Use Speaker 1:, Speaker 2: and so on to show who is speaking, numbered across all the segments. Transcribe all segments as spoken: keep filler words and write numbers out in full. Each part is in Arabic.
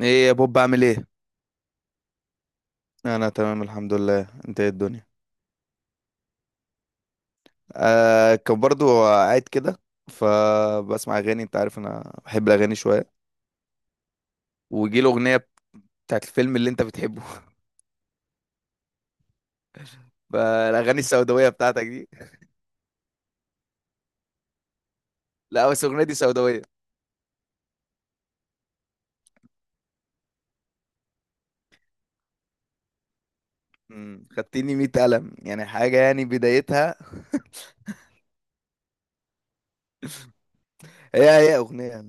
Speaker 1: ايه يا بوب، عامل ايه؟ انا تمام الحمد لله، انت ايه الدنيا؟ آه، كان برضو قاعد كده. فبسمع اغاني، انت عارف انا بحب الاغاني شويه. وجي الاغنيه بتاعت الفيلم اللي انت بتحبه. فالاغاني السوداويه بتاعتك دي. لا، بس الاغنيه دي سوداويه. امم خدتني ميت قلم، يعني حاجه، يعني بدايتها. هي هي اغنيه.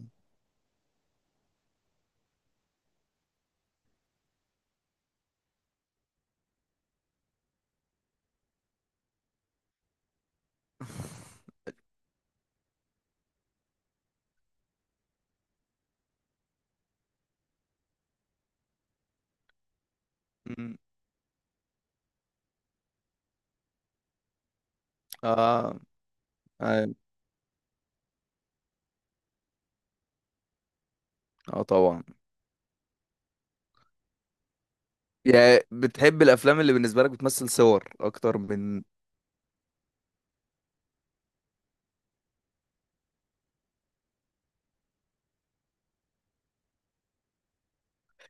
Speaker 1: مم. اه. أيوة. اه، طبعا. يعني بتحب الافلام اللي بالنسبه لك بتمثل صور اكتر من.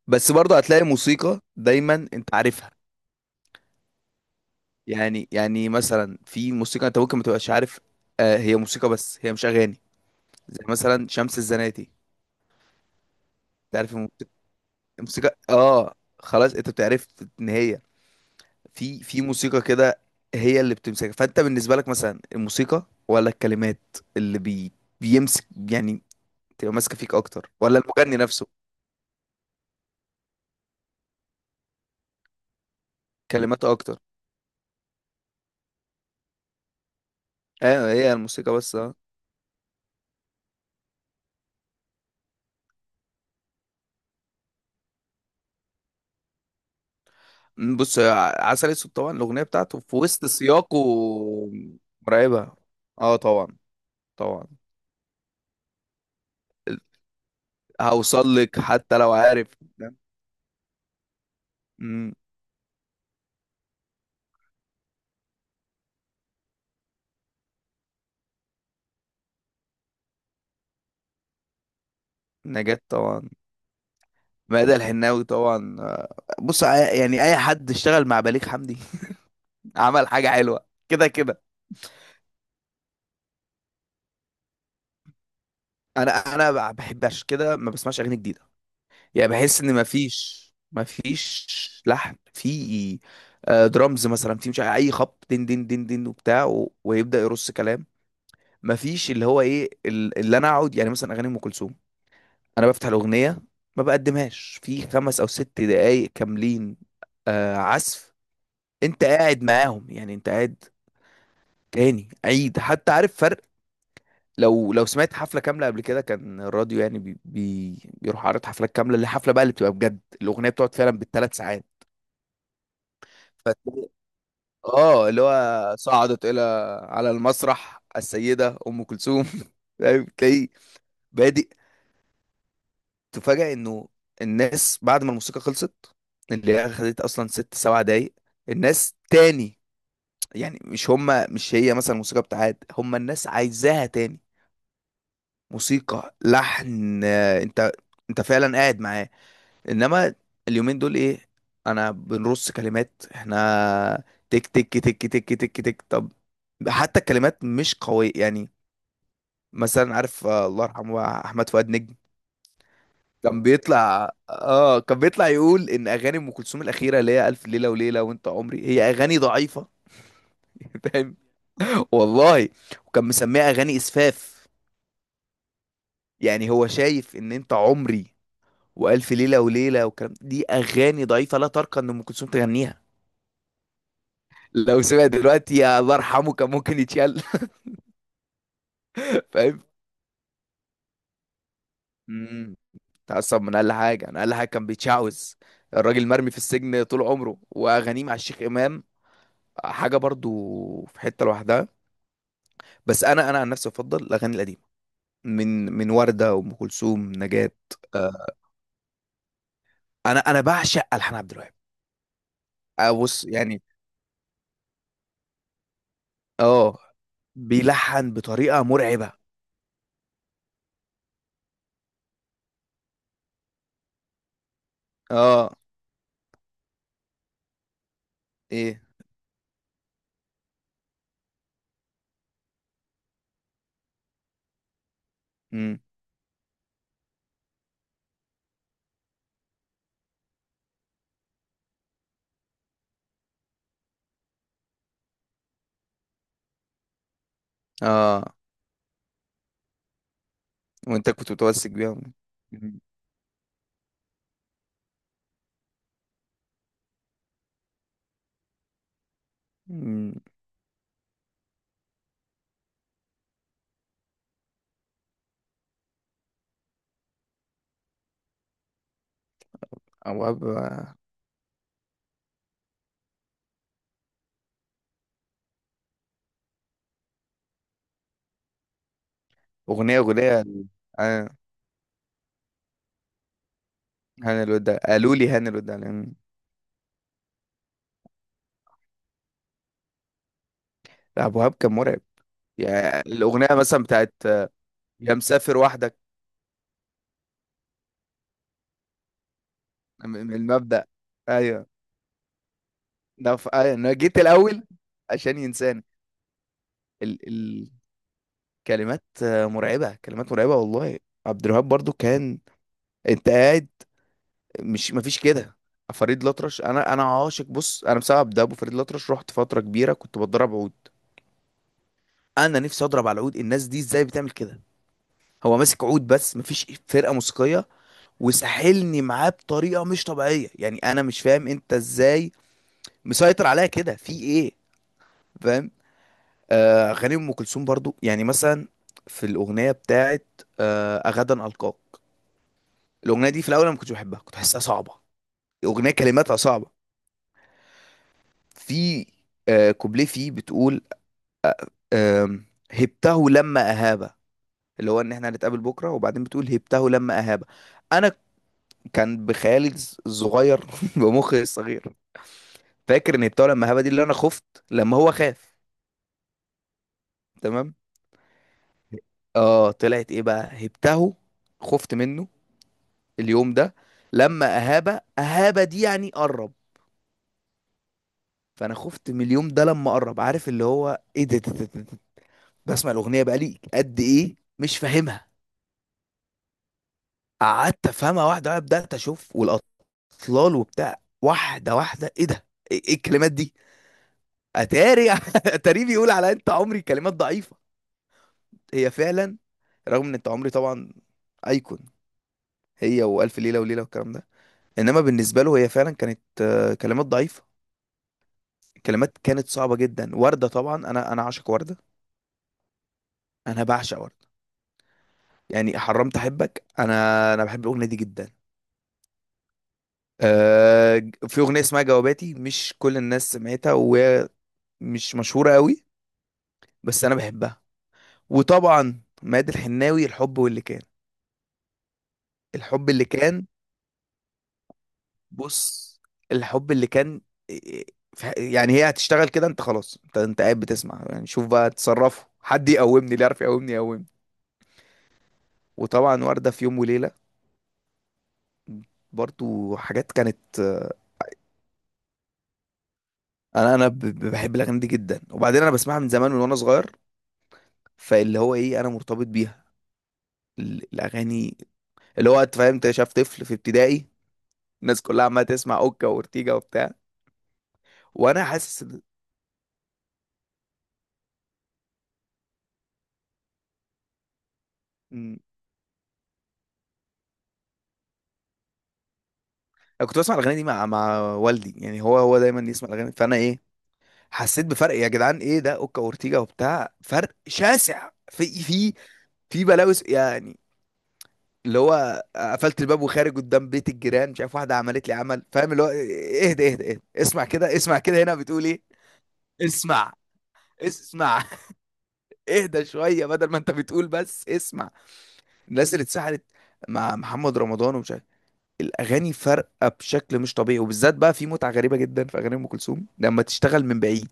Speaker 1: بس برضه هتلاقي موسيقى دايما انت عارفها. يعني يعني مثلا في موسيقى انت ممكن ما تبقاش عارف. آه، هي موسيقى بس هي مش اغاني. زي مثلا شمس الزناتي. تعرف الموسيقى. الموسيقى- اه خلاص انت بتعرف ان هي في في موسيقى كده. هي اللي بتمسكك، فانت بالنسبه لك مثلا الموسيقى ولا الكلمات اللي بي، بيمسك يعني، تبقى ماسكه فيك اكتر ولا المغني نفسه؟ كلماته اكتر. ايوه، هي الموسيقى بس، اه. م، بص ع- عسل اسود، طبعا الاغنيه بتاعته في وسط سياقه. مرعبه. اه طبعا. طبعا. هوصل لك حتى لو عارف. مم. نجاة طبعا. مادة الحناوي طبعا. بص ع- يعني اي حد اشتغل مع بليغ حمدي عمل حاجة حلوة كده كده. انا انا ما بحبش كده، ما بسمعش اغاني جديدة. يعني بحس ان ما فيش، ما فيش لحن في، آه، درامز مثلا، في مش عارف اي خبط دين دين دين دين وبتاع و- ويبدأ يرص كلام. ما فيش اللي هو ايه ال- اللي انا اقعد يعني مثلا اغاني ام كلثوم. انا بفتح الاغنيه ما بقدمهاش في خمس او ست دقايق كاملين، آه عزف، انت قاعد معاهم يعني انت قاعد تاني عيد حتى عارف فرق. لو لو سمعت حفله كامله قبل كده، كان الراديو يعني بي بي بيروح عارض حفلات كامله، اللي حفله بقى اللي بتبقى بجد الاغنيه بتقعد فعلا بالثلاث ساعات. فتلاقي- اه اللي هو صعدت الى، على المسرح السيده ام كلثوم. فاهم؟ تلاقي بادئ تفاجأ انه الناس بعد ما الموسيقى خلصت، اللي هي خدت اصلا ست سبع دقايق، الناس تاني، يعني مش هما، مش هي مثلا الموسيقى بتاعت، هما الناس عايزاها تاني. موسيقى لحن، آه، انت انت فعلا قاعد معاه. انما اليومين دول ايه؟ انا بنرص كلمات، احنا تك تك تك تك تك تك طب. حتى الكلمات مش قوية يعني. مثلا عارف، آه، الله يرحمه، احمد فؤاد نجم، كان بيطلع اه كان بيطلع يقول ان اغاني ام كلثوم الاخيره، اللي هي الف ليله وليله وانت عمري، هي اغاني ضعيفه. فاهم؟ والله. وكان مسميها اغاني اسفاف. يعني هو شايف ان انت عمري والف ليله وليله والكلام دي اغاني ضعيفه، لا ترقى ان ام كلثوم تغنيها. لو سمع دلوقتي، يا الله يرحمه، كان ممكن يتشل. فاهم؟ امم تعصب من اقل حاجه، انا اقل حاجه كان بيتشعوذ. الراجل مرمي في السجن طول عمره، واغانيه مع الشيخ امام حاجه برضو في حته لوحدها. بس انا انا عن نفسي افضل الاغاني القديمه، من من ورده وام كلثوم نجاة آه، انا انا بعشق الحان عبد الوهاب. آه، بص يعني، اه، بيلحن بطريقه مرعبه. اه، ايه، امم اه. وانت كنت متمسك بيها. مم. مم. ابواب، اغنيه اغنيه، آه، هاني الوداع. قالوا لي هاني الوداع. مم. لا، ابواب كان مرعب. يعني الاغنيه مثلا بتاعت آه، يا مسافر وحدك، من من المبدأ. ايوه. ده ف... آه، انا جيت الاول عشان ينساني. ال... الكلمات، آه، مرعبه، كلمات مرعبه والله. عبد الوهاب برضو كان، انت قاعد، مش مفيش كده. فريد الأطرش، انا انا عاشق، بص انا بسبب ده، ابو فريد الأطرش، رحت فتره كبيره كنت بتدرب عود. انا نفسي اضرب على العود، الناس دي ازاي بتعمل كده؟ هو ماسك عود بس مفيش فرقه موسيقيه، وساحلني معاه بطريقه مش طبيعيه. يعني انا مش فاهم انت ازاي مسيطر عليا كده، في ايه؟ فاهم؟ آه، اغاني ام كلثوم برضو، يعني مثلا في الاغنيه بتاعت آه، غدا القاك. الاغنيه دي في الاول انا ما كنتش بحبها، كنت بحسها صعبه. الاغنيه كلماتها صعبه، في آه كوبليه فيه بتقول، آه، هبته لما اهابه، اللي هو ان احنا هنتقابل بكره. وبعدين بتقول هبته لما اهابه. انا كان بخيالي الز- الصغير، بمخي الصغير، فاكر ان هبته لما اهابه دي اللي انا خفت لما هو خاف. تمام. اه، طلعت ايه بقى؟ هبته خفت منه، اليوم ده لما اهابه، اهابه دي يعني قرب. فانا خفت من اليوم ده لما قرب. عارف اللي هو ايه؟ ده, ده, ده, ده, ده. بسمع الاغنيه بقالي قد ايه مش فاهمها. قعدت افهمها واحده واحده، بدات اشوف والاطلال وبتاع واحده واحده، ايه ده؟ ايه إيه الكلمات دي؟ اتاري اتاري بيقول على انت عمري كلمات ضعيفه. هي فعلا، رغم ان انت عمري طبعا ايكون، هي والف ليله وليله والكلام ده، انما بالنسبه له هي فعلا كانت، آه، كلمات ضعيفه، كلمات كانت صعبة جدا. وردة طبعا، انا انا عاشق وردة، انا بعشق وردة. يعني حرمت احبك انا، انا بحب الاغنية دي جدا. آه، في اغنية اسمها جواباتي، مش كل الناس سمعتها، وهي مش مشهورة قوي، بس انا بحبها. وطبعا ماد الحناوي، الحب واللي كان، الحب اللي كان. بص، الحب اللي كان. ف- يعني هي هتشتغل كده، انت خلاص، انت انت قاعد بتسمع، يعني شوف بقى تصرفه. حد يقومني، اللي يعرف يقومني يقومني. وطبعا وردة في يوم وليلة، برضو حاجات كانت، آه، انا انا ب- ب- بحب الاغاني دي جدا. وبعدين انا بسمعها من زمان، من وانا صغير. فاللي هو ايه، انا مرتبط بيها، ال- الاغاني. اللي هو انت فاهم، انت شايف طفل في ابتدائي، الناس كلها عماله تسمع اوكا وورتيجا وبتاع، وانا حاسس إن- م، انا كنت بسمع الاغاني دي مع مع والدي. يعني هو هو دايما يسمع الاغاني، فانا ايه، حسيت بفرق. يا جدعان، ايه ده؟ اوكا وورتيجا وبتاع فرق شاسع في في في بلاوي يعني. اللي هو قفلت الباب وخارج قدام بيت الجيران، مش عارف واحده عملت لي عمل. فاهم اللي هو اهدى اهدى اهدى، اسمع كده، اسمع كده، هنا بتقول ايه؟ اسمع، اسمع. اهدى شويه، بدل ما انت بتقول بس اسمع. الناس اللي اتسحلت مع محمد رمضان، ومش عارف. الاغاني فارقه بشكل مش طبيعي، وبالذات بقى في متعه غريبه جدا في اغاني ام كلثوم لما تشتغل من بعيد،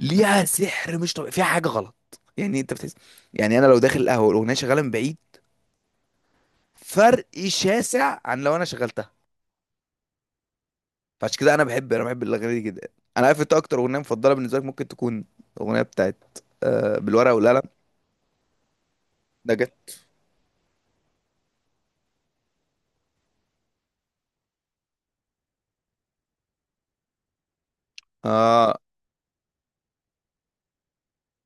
Speaker 1: ليها سحر مش طبيعي، فيها حاجه غلط يعني. انت بتحس، يعني انا لو داخل القهوه والاغنيه شغاله من بعيد، فرق شاسع عن لو انا شغلتها. فعشان كده انا بحب انا بحب الاغاني دي جدا. انا عارف انت اكتر اغنيه مفضله بالنسبه لك ممكن تكون الاغنيه بتاعت، آه، بالورقه والقلم. نجا. اه،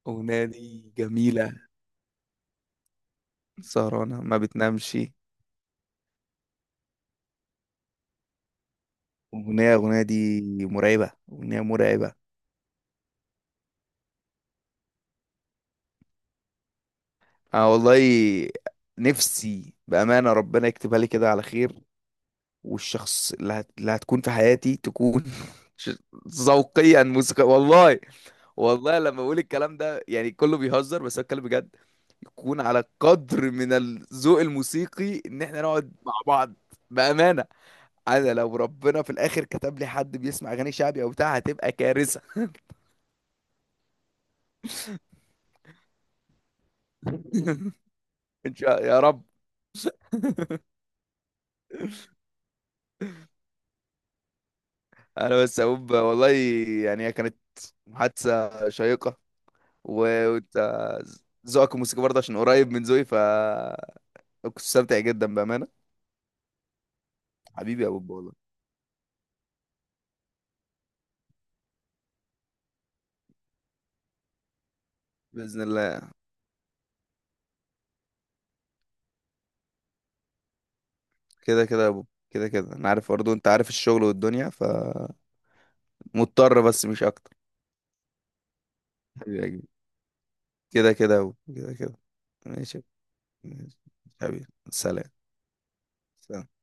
Speaker 1: الاغنيه دي جميله، سهرانه ما بتنامش، اغنيه اغنيه دي، مرعبه، اغنيه مرعبه. اه والله، نفسي بامانه ربنا يكتبها لي كده على خير، والشخص اللي, هت... اللي هتكون في حياتي تكون ش- ذوقيا موسيقى والله. والله لما بقول الكلام ده يعني كله بيهزر، بس أنا بتكلم بجد، يكون على قدر من الذوق الموسيقي ان احنا نقعد مع بعض. بأمانة، انا لو ربنا في الاخر كتب لي حد بيسمع اغاني شعبي او بتاع، هتبقى كارثة. ان شاء يا رب. انا بس اقول والله، يعني هي كانت محادثة شيقة، و- وانت ذوقك الموسيقي برضه، عشان قريب من ذوقي، ف، كنت مستمتع جدا بأمانة. حبيبي يا بوب والله. بإذن الله. كده كده يا بوب، كده كده، انا عارف، برضه انت عارف الشغل والدنيا، فمضطر بس مش اكتر. حبيبي يا، كده كده كده كده. ماشي. ماشي. حبيبي سلام. سلام.